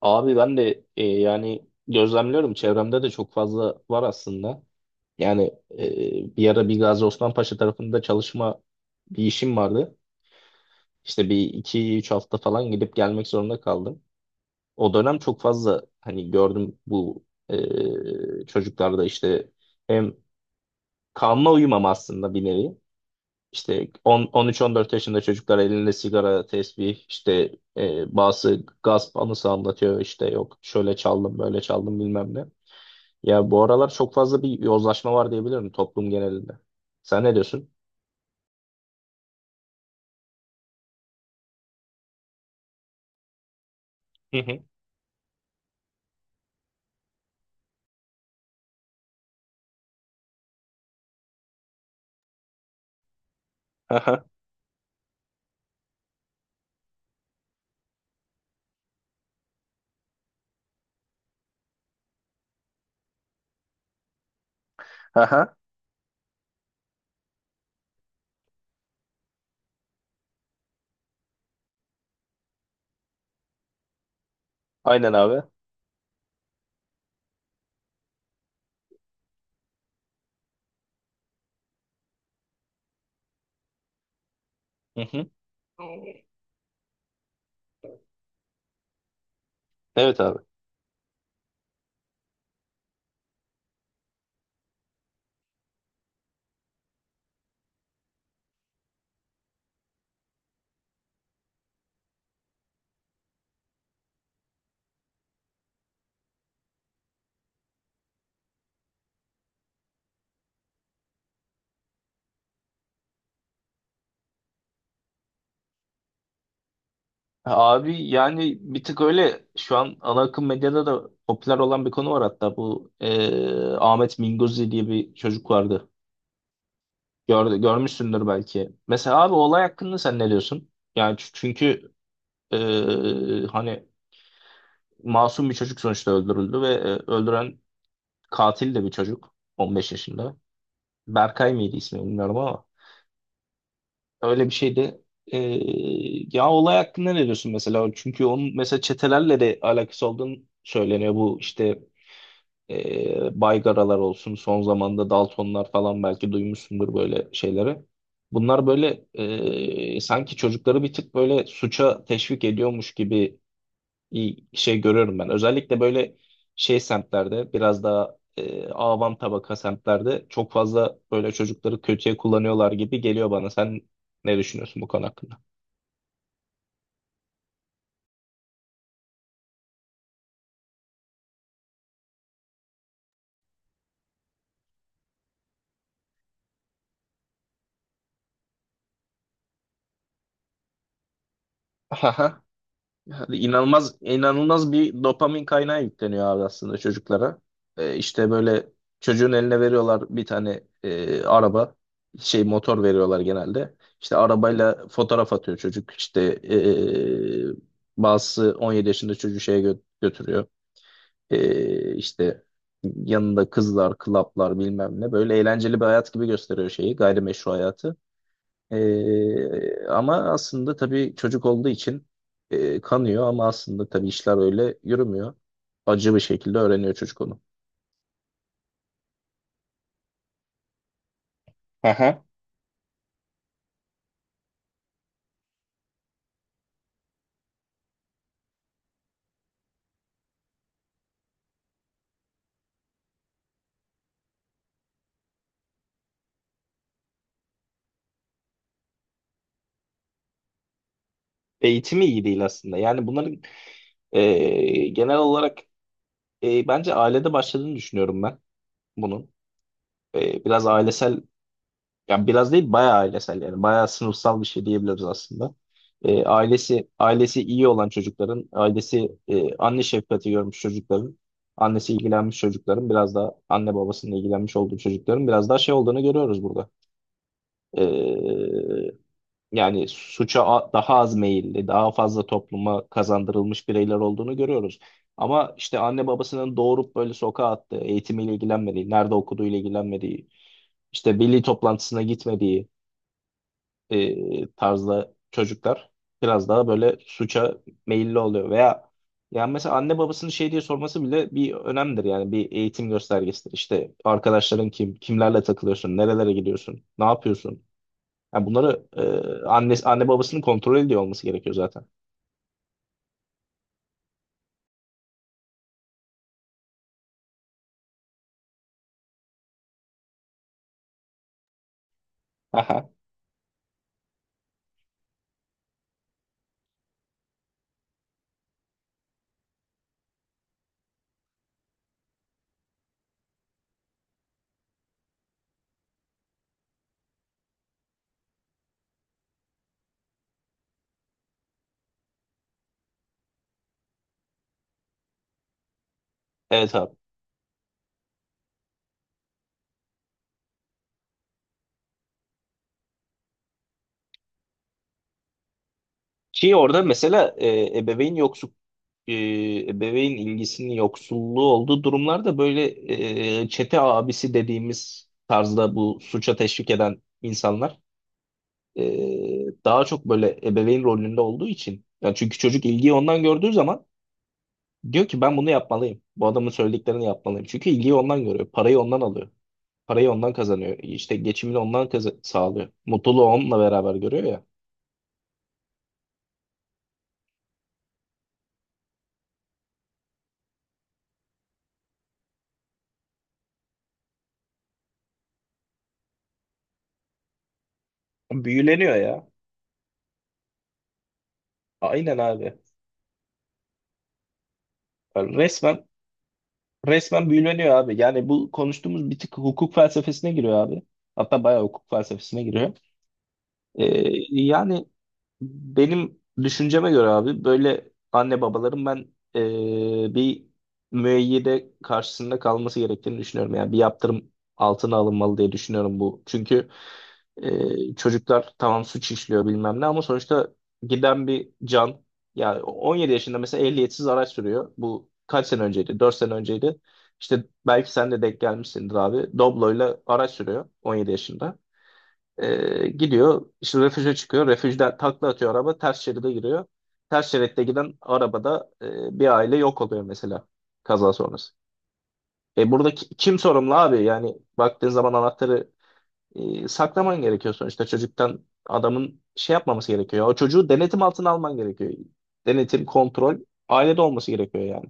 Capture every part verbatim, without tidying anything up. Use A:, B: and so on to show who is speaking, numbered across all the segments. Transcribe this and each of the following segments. A: Abi ben de e, yani gözlemliyorum çevremde de çok fazla var aslında. Yani e, bir ara bir Gazi Osman Paşa tarafında çalışma bir işim vardı. İşte bir iki üç hafta falan gidip gelmek zorunda kaldım. O dönem çok fazla hani gördüm bu e, çocuklarda işte hem kanuna uyumam aslında bir nevi. İşte on, on üç on dört yaşında çocuklar elinde sigara, tesbih, işte e, bazı gasp anısı anlatıyor. İşte yok şöyle çaldım, böyle çaldım bilmem ne. Ya bu aralar çok fazla bir yozlaşma var diyebilirim toplum genelinde. Sen ne diyorsun? Hı hı. Aha. Aha. Aynen abi. Hı hı. Evet abi. Abi yani bir tık öyle şu an ana akım medyada da popüler olan bir konu var, hatta bu eee, Ahmet Minguzi diye bir çocuk vardı. Gördü, görmüşsündür belki. Mesela abi olay hakkında sen ne diyorsun? Yani ç- çünkü eee, hani masum bir çocuk sonuçta öldürüldü ve e, öldüren katil de bir çocuk, on beş yaşında. Berkay mıydı ismi bilmiyorum ama öyle bir şeydi. Ee, Ya olay hakkında ne diyorsun mesela? Çünkü onun mesela çetelerle de alakası olduğunu söyleniyor. Bu işte ee, Baygaralar olsun, son zamanda Daltonlar falan belki duymuşsundur böyle şeyleri. Bunlar böyle ee, sanki çocukları bir tık böyle suça teşvik ediyormuş gibi iyi şey görüyorum ben. Özellikle böyle şey semtlerde, biraz daha e, avam tabaka semtlerde çok fazla böyle çocukları kötüye kullanıyorlar gibi geliyor bana. Sen ne düşünüyorsun bu konu hakkında? Aha. Yani inanılmaz inanılmaz bir dopamin kaynağı yükleniyor abi aslında çocuklara. E, işte böyle çocuğun eline veriyorlar bir tane e, araba şey motor veriyorlar genelde. İşte arabayla fotoğraf atıyor çocuk. İşte e, bazısı on yedi yaşında çocuğu şeye gö- götürüyor. Ee, işte yanında kızlar, klaplar bilmem ne, böyle eğlenceli bir hayat gibi gösteriyor şeyi, gayrimeşru hayatı. Ee, ama aslında tabii çocuk olduğu için e, kanıyor, ama aslında tabii işler öyle yürümüyor. Acı bir şekilde öğreniyor çocuk onu. Aha. Eğitimi iyi değil aslında. Yani bunların e, genel olarak e, bence ailede başladığını düşünüyorum ben bunun. E, biraz ailesel. Yani biraz değil, bayağı ailesel, yani bayağı sınıfsal bir şey diyebiliriz aslında. Ee, ailesi ailesi iyi olan çocukların, ailesi e, anne şefkati görmüş çocukların, annesi ilgilenmiş çocukların, biraz daha anne babasının ilgilenmiş olduğu çocukların biraz daha şey olduğunu görüyoruz burada. Ee, Yani suça a- daha az meyilli, daha fazla topluma kazandırılmış bireyler olduğunu görüyoruz. Ama işte anne babasının doğurup böyle sokağa attığı, eğitimiyle ilgilenmediği, nerede okuduğuyla ilgilenmediği, işte milli toplantısına gitmediği, e, tarzda çocuklar biraz daha böyle suça meyilli oluyor. Veya yani mesela anne babasının şey diye sorması bile bir önemdir, yani bir eğitim göstergesidir. İşte arkadaşların kim, kimlerle takılıyorsun, nerelere gidiyorsun, ne yapıyorsun? Yani bunları e, anne anne babasının kontrol ediyor olması gerekiyor zaten. Aha, evet abi. Ki orada mesela e, ebeveyn yoksul, e, ebeveyn ilgisinin yoksulluğu olduğu durumlarda, böyle e, çete abisi dediğimiz tarzda bu suça teşvik eden insanlar e, daha çok böyle ebeveyn rolünde olduğu için. Yani çünkü çocuk ilgiyi ondan gördüğü zaman diyor ki ben bunu yapmalıyım. Bu adamın söylediklerini yapmalıyım. Çünkü ilgiyi ondan görüyor. Parayı ondan alıyor. Parayı ondan kazanıyor. İşte geçimini ondan kaza- sağlıyor. Mutluluğu onunla beraber görüyor ya. Büyüleniyor ya. Aynen abi. Yani Resmen resmen büyüleniyor abi. Yani bu konuştuğumuz bir tık hukuk felsefesine giriyor abi. Hatta bayağı hukuk felsefesine giriyor. Ee, Yani benim düşünceme göre abi, böyle anne babaların ben ee, bir müeyyide karşısında kalması gerektiğini düşünüyorum. Yani bir yaptırım altına alınmalı diye düşünüyorum bu. Çünkü ee, çocuklar tamam suç işliyor bilmem ne, ama sonuçta giden bir can. Yani on yedi yaşında mesela ehliyetsiz araç sürüyor. Bu kaç sene önceydi? Dört sene önceydi. İşte belki sen de denk gelmişsindir abi. Doblo'yla araç sürüyor on yedi yaşında. Ee, gidiyor işte refüje çıkıyor. Refüjden takla atıyor araba, ters şeride giriyor. Ters şeritte giden arabada e, bir aile yok oluyor mesela, kaza sonrası. E burada ki- kim sorumlu abi? Yani baktığın zaman anahtarı e, saklaman gerekiyor sonuçta çocuktan, adamın şey yapmaması gerekiyor. O çocuğu denetim altına alman gerekiyor. Denetim, kontrol ailede olması gerekiyor yani.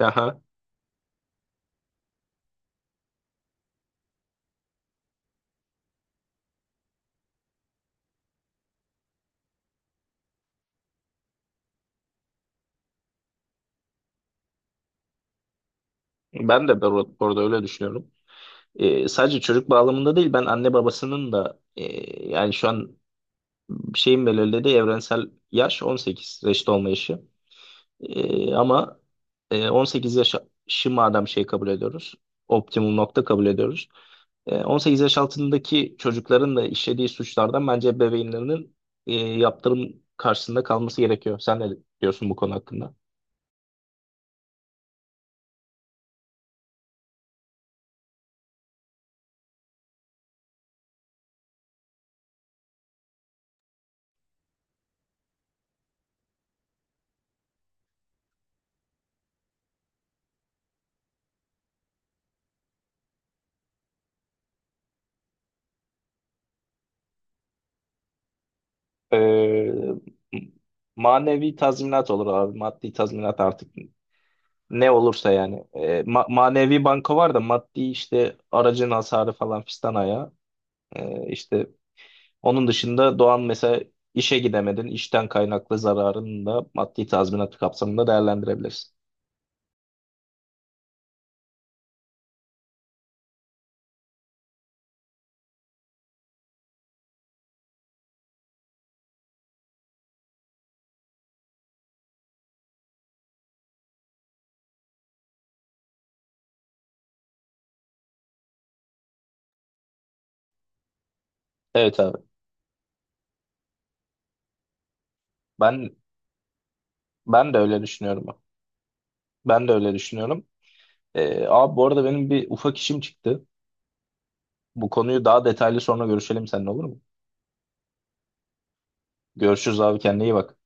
A: Aha, ben de bu bu arada öyle düşünüyorum. E, sadece çocuk bağlamında değil, ben anne babasının da e, yani şu an şeyin belirlediği evrensel yaş on sekiz, reşit olma yaşı. Ee, ama e, on sekiz yaşı madem şey kabul ediyoruz, optimum nokta kabul ediyoruz. E, on sekiz yaş altındaki çocukların da işlediği suçlardan bence ebeveynlerinin e, yaptırım karşısında kalması gerekiyor. Sen ne diyorsun bu konu hakkında? Ee, Manevi tazminat olur abi. Maddi tazminat artık ne olursa yani. Ee, ma- manevi banko var da, maddi işte aracın hasarı falan fistan ayağı. Ee, işte onun dışında Doğan mesela, işe gidemedin. İşten kaynaklı zararını da maddi tazminat kapsamında değerlendirebilirsin. Evet abi. Ben Ben de öyle düşünüyorum. Ben de öyle düşünüyorum. Ee, abi bu arada benim bir ufak işim çıktı. Bu konuyu daha detaylı sonra görüşelim seninle, olur mu? Görüşürüz abi, kendine iyi bak.